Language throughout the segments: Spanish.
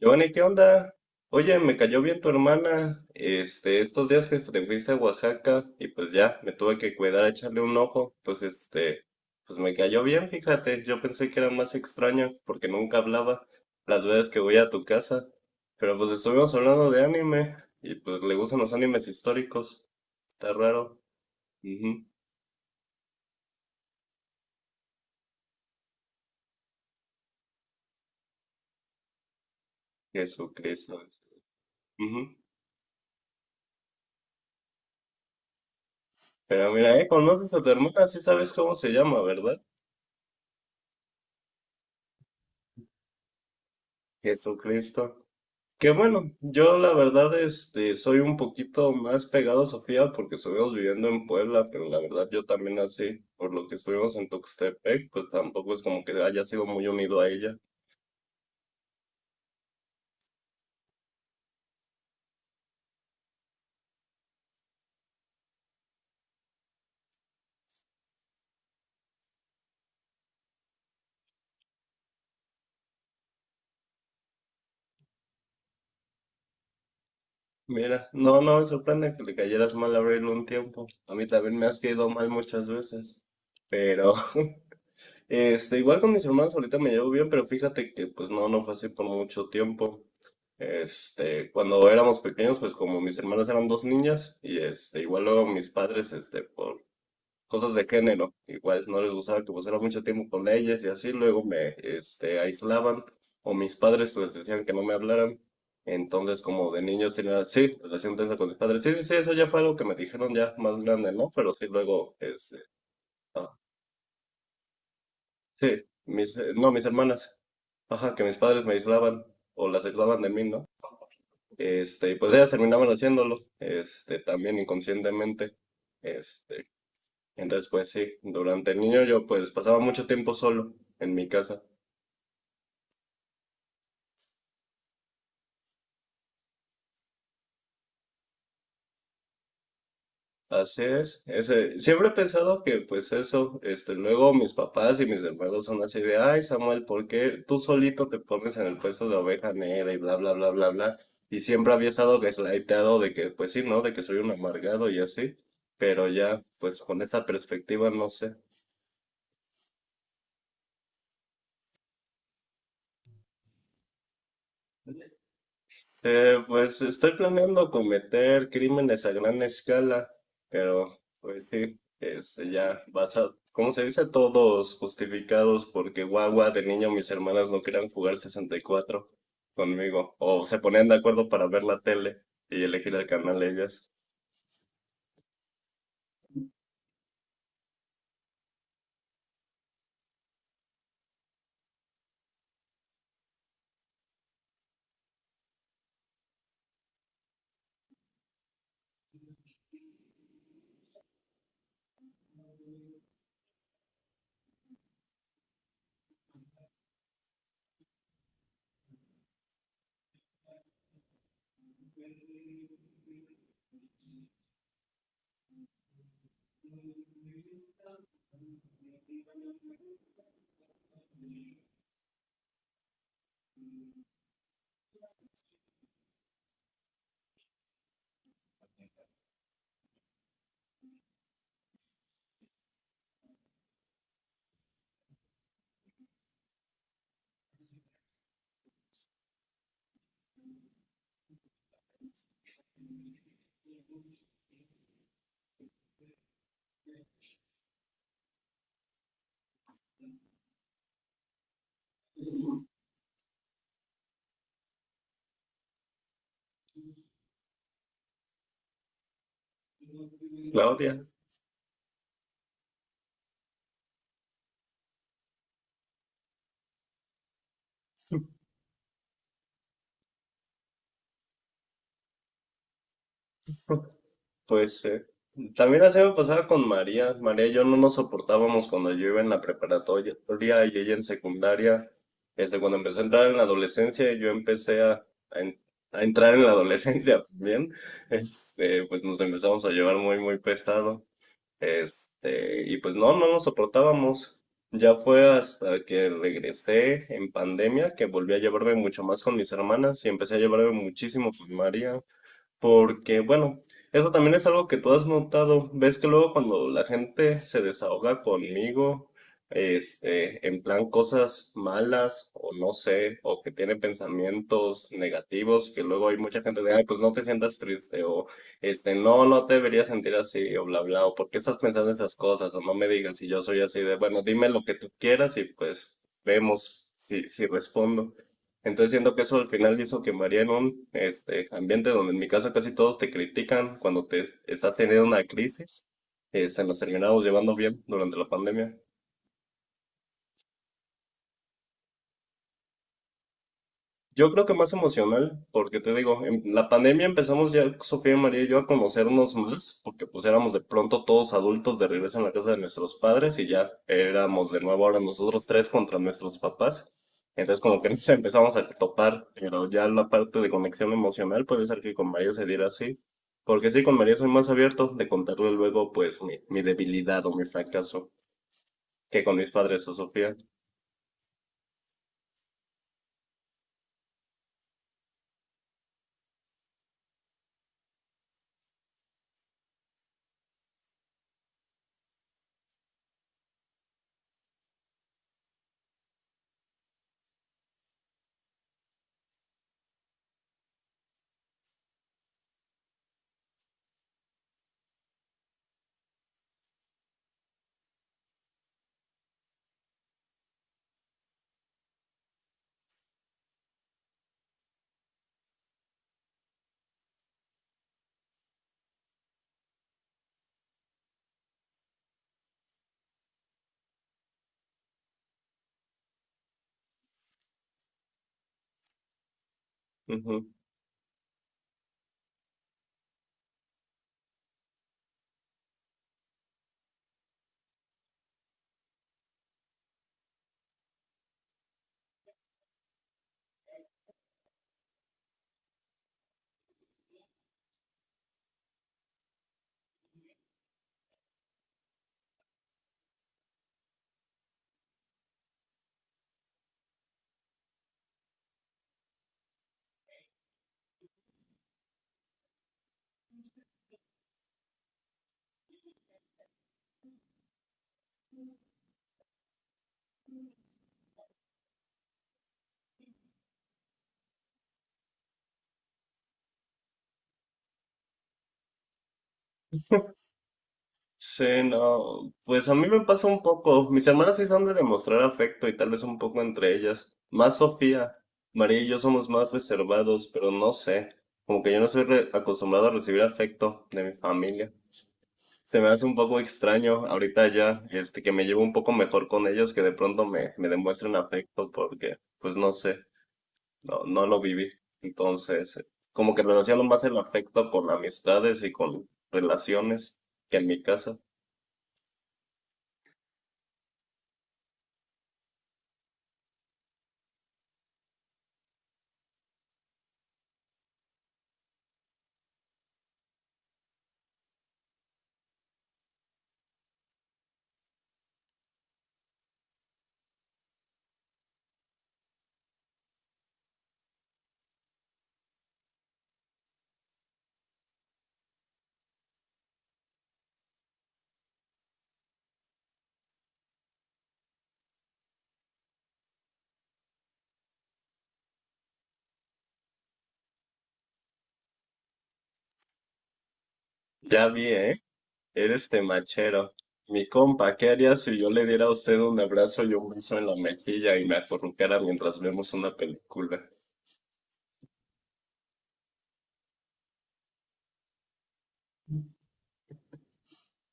Giovanni, ¿qué onda? Oye, me cayó bien tu hermana, estos días que te fuiste a Oaxaca y pues ya, me tuve que cuidar a echarle un ojo, pues me cayó bien, fíjate, yo pensé que era más extraño porque nunca hablaba las veces que voy a tu casa, pero pues estuvimos hablando de anime y pues le gustan los animes históricos, está raro. Ujú, Jesucristo. Ujú. Pero mira, conoces a tu hermana, sí sabes cómo se llama, ¿verdad? Jesucristo. Que bueno, yo la verdad soy un poquito más pegado a Sofía porque estuvimos viviendo en Puebla, pero la verdad yo también así, por lo que estuvimos en Tuxtepec, pues tampoco es como que haya sido muy unido a ella. Mira, no, no me sorprende que le cayeras mal a Abril un tiempo. A mí también me has caído mal muchas veces, pero igual con mis hermanos ahorita me llevo bien, pero fíjate que pues no, no fue así por mucho tiempo. Cuando éramos pequeños, pues como mis hermanas eran dos niñas, igual luego mis padres, por cosas de género, igual no les gustaba que pasara mucho tiempo con ellas y así, luego me aislaban, o mis padres pues decían que no me hablaran. Entonces, como de niños tenía, sí, relación tensa con mis padres. Sí, sí, sí, eso ya fue algo que me dijeron ya más grande, ¿no? Pero sí, luego, ah, sí, no, mis hermanas. Ajá, que mis padres me aislaban o las aislaban de mí, ¿no? Y pues ellas terminaban haciéndolo, también inconscientemente. Este, entonces pues sí, durante el niño yo pues pasaba mucho tiempo solo en mi casa. Así es, siempre he pensado que pues eso, luego mis papás y mis hermanos son así de, ay Samuel, ¿por qué tú solito te pones en el puesto de oveja negra y bla, bla, bla, bla, bla? Y siempre había estado gaslightado de que, pues sí, ¿no? De que soy un amargado y así, pero ya, pues con esta perspectiva, no sé. Pues estoy planeando cometer crímenes a gran escala, pero pues sí, ya basa, ¿cómo se dice? Todos justificados porque guagua de niño mis hermanas no querían jugar 64 conmigo, o se ponían de acuerdo para ver la tele y elegir el canal ellas. Claudia. Pues ser. También la semana pasaba con María. María y yo no nos soportábamos cuando yo iba en la preparatoria y ella en secundaria. Cuando empecé a entrar en la adolescencia, yo empecé a en- a entrar en la adolescencia también. Pues nos empezamos a llevar muy, muy pesado. Y pues no, no nos soportábamos. Ya fue hasta que regresé en pandemia que volví a llevarme mucho más con mis hermanas y empecé a llevarme muchísimo con María. Porque, bueno, eso también es algo que tú has notado. Ves que luego cuando la gente se desahoga conmigo, en plan cosas malas, o no sé, o que tiene pensamientos negativos, que luego hay mucha gente de, ay, pues no te sientas triste, o no, no te deberías sentir así, o bla, bla, o por qué estás pensando esas cosas, o no me digas si yo soy así de, bueno, dime lo que tú quieras y pues vemos si respondo. Entonces siento que eso al final hizo que María en un ambiente donde en mi casa casi todos te critican cuando te estás teniendo una crisis, se nos terminamos llevando bien durante la pandemia. Yo creo que más emocional, porque te digo, en la pandemia empezamos ya Sofía y María y yo a conocernos más, porque pues éramos de pronto todos adultos de regreso en la casa de nuestros padres y ya éramos de nuevo ahora nosotros tres contra nuestros papás. Entonces como que nos empezamos a topar, pero ya la parte de conexión emocional puede ser que con María se diera así, porque sí, con María soy más abierto de contarle luego pues mi debilidad o mi fracaso que con mis padres a Sofía. Sí, no, pues a mí me pasa un poco. Mis hermanas sí son de demostrar afecto y tal vez un poco entre ellas. Más Sofía. María y yo somos más reservados, pero no sé. Como que yo no soy acostumbrado a recibir afecto de mi familia. Se me hace un poco extraño ahorita ya, que me llevo un poco mejor con ellos, que de pronto me demuestren afecto porque, pues no sé, no, no lo viví. Entonces, como que relaciono más el afecto con amistades y con relaciones que en mi casa. Ya vi, ¿eh? Eres temachero. Mi compa, ¿qué haría si yo le diera a usted un abrazo y un beso en la mejilla y me acurrucara mientras vemos una película?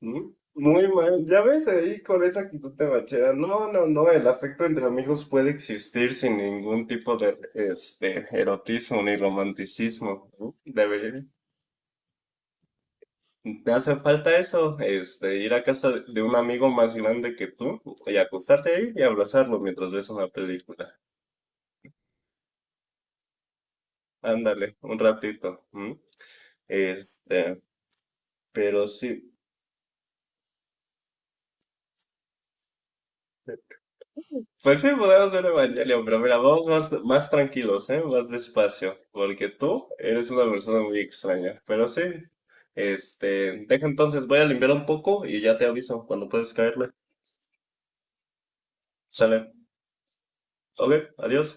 ¿Mm? Muy mal, ya ves ahí con esa actitud temachera. No, no, no, el afecto entre amigos puede existir sin ningún tipo de erotismo ni romanticismo, ¿no? Debería. Te hace falta eso, ir a casa de un amigo más grande que tú y acostarte ahí y abrazarlo mientras ves una película. Ándale, un ratito. ¿M? Este, pero sí. Pues sí, podemos ver Evangelion, pero mira, vamos más, más tranquilos, ¿eh? Más despacio, porque tú eres una persona muy extraña. Pero sí, deja entonces, voy a limpiar un poco y ya te aviso cuando puedes caerle. Sale. Ok, adiós.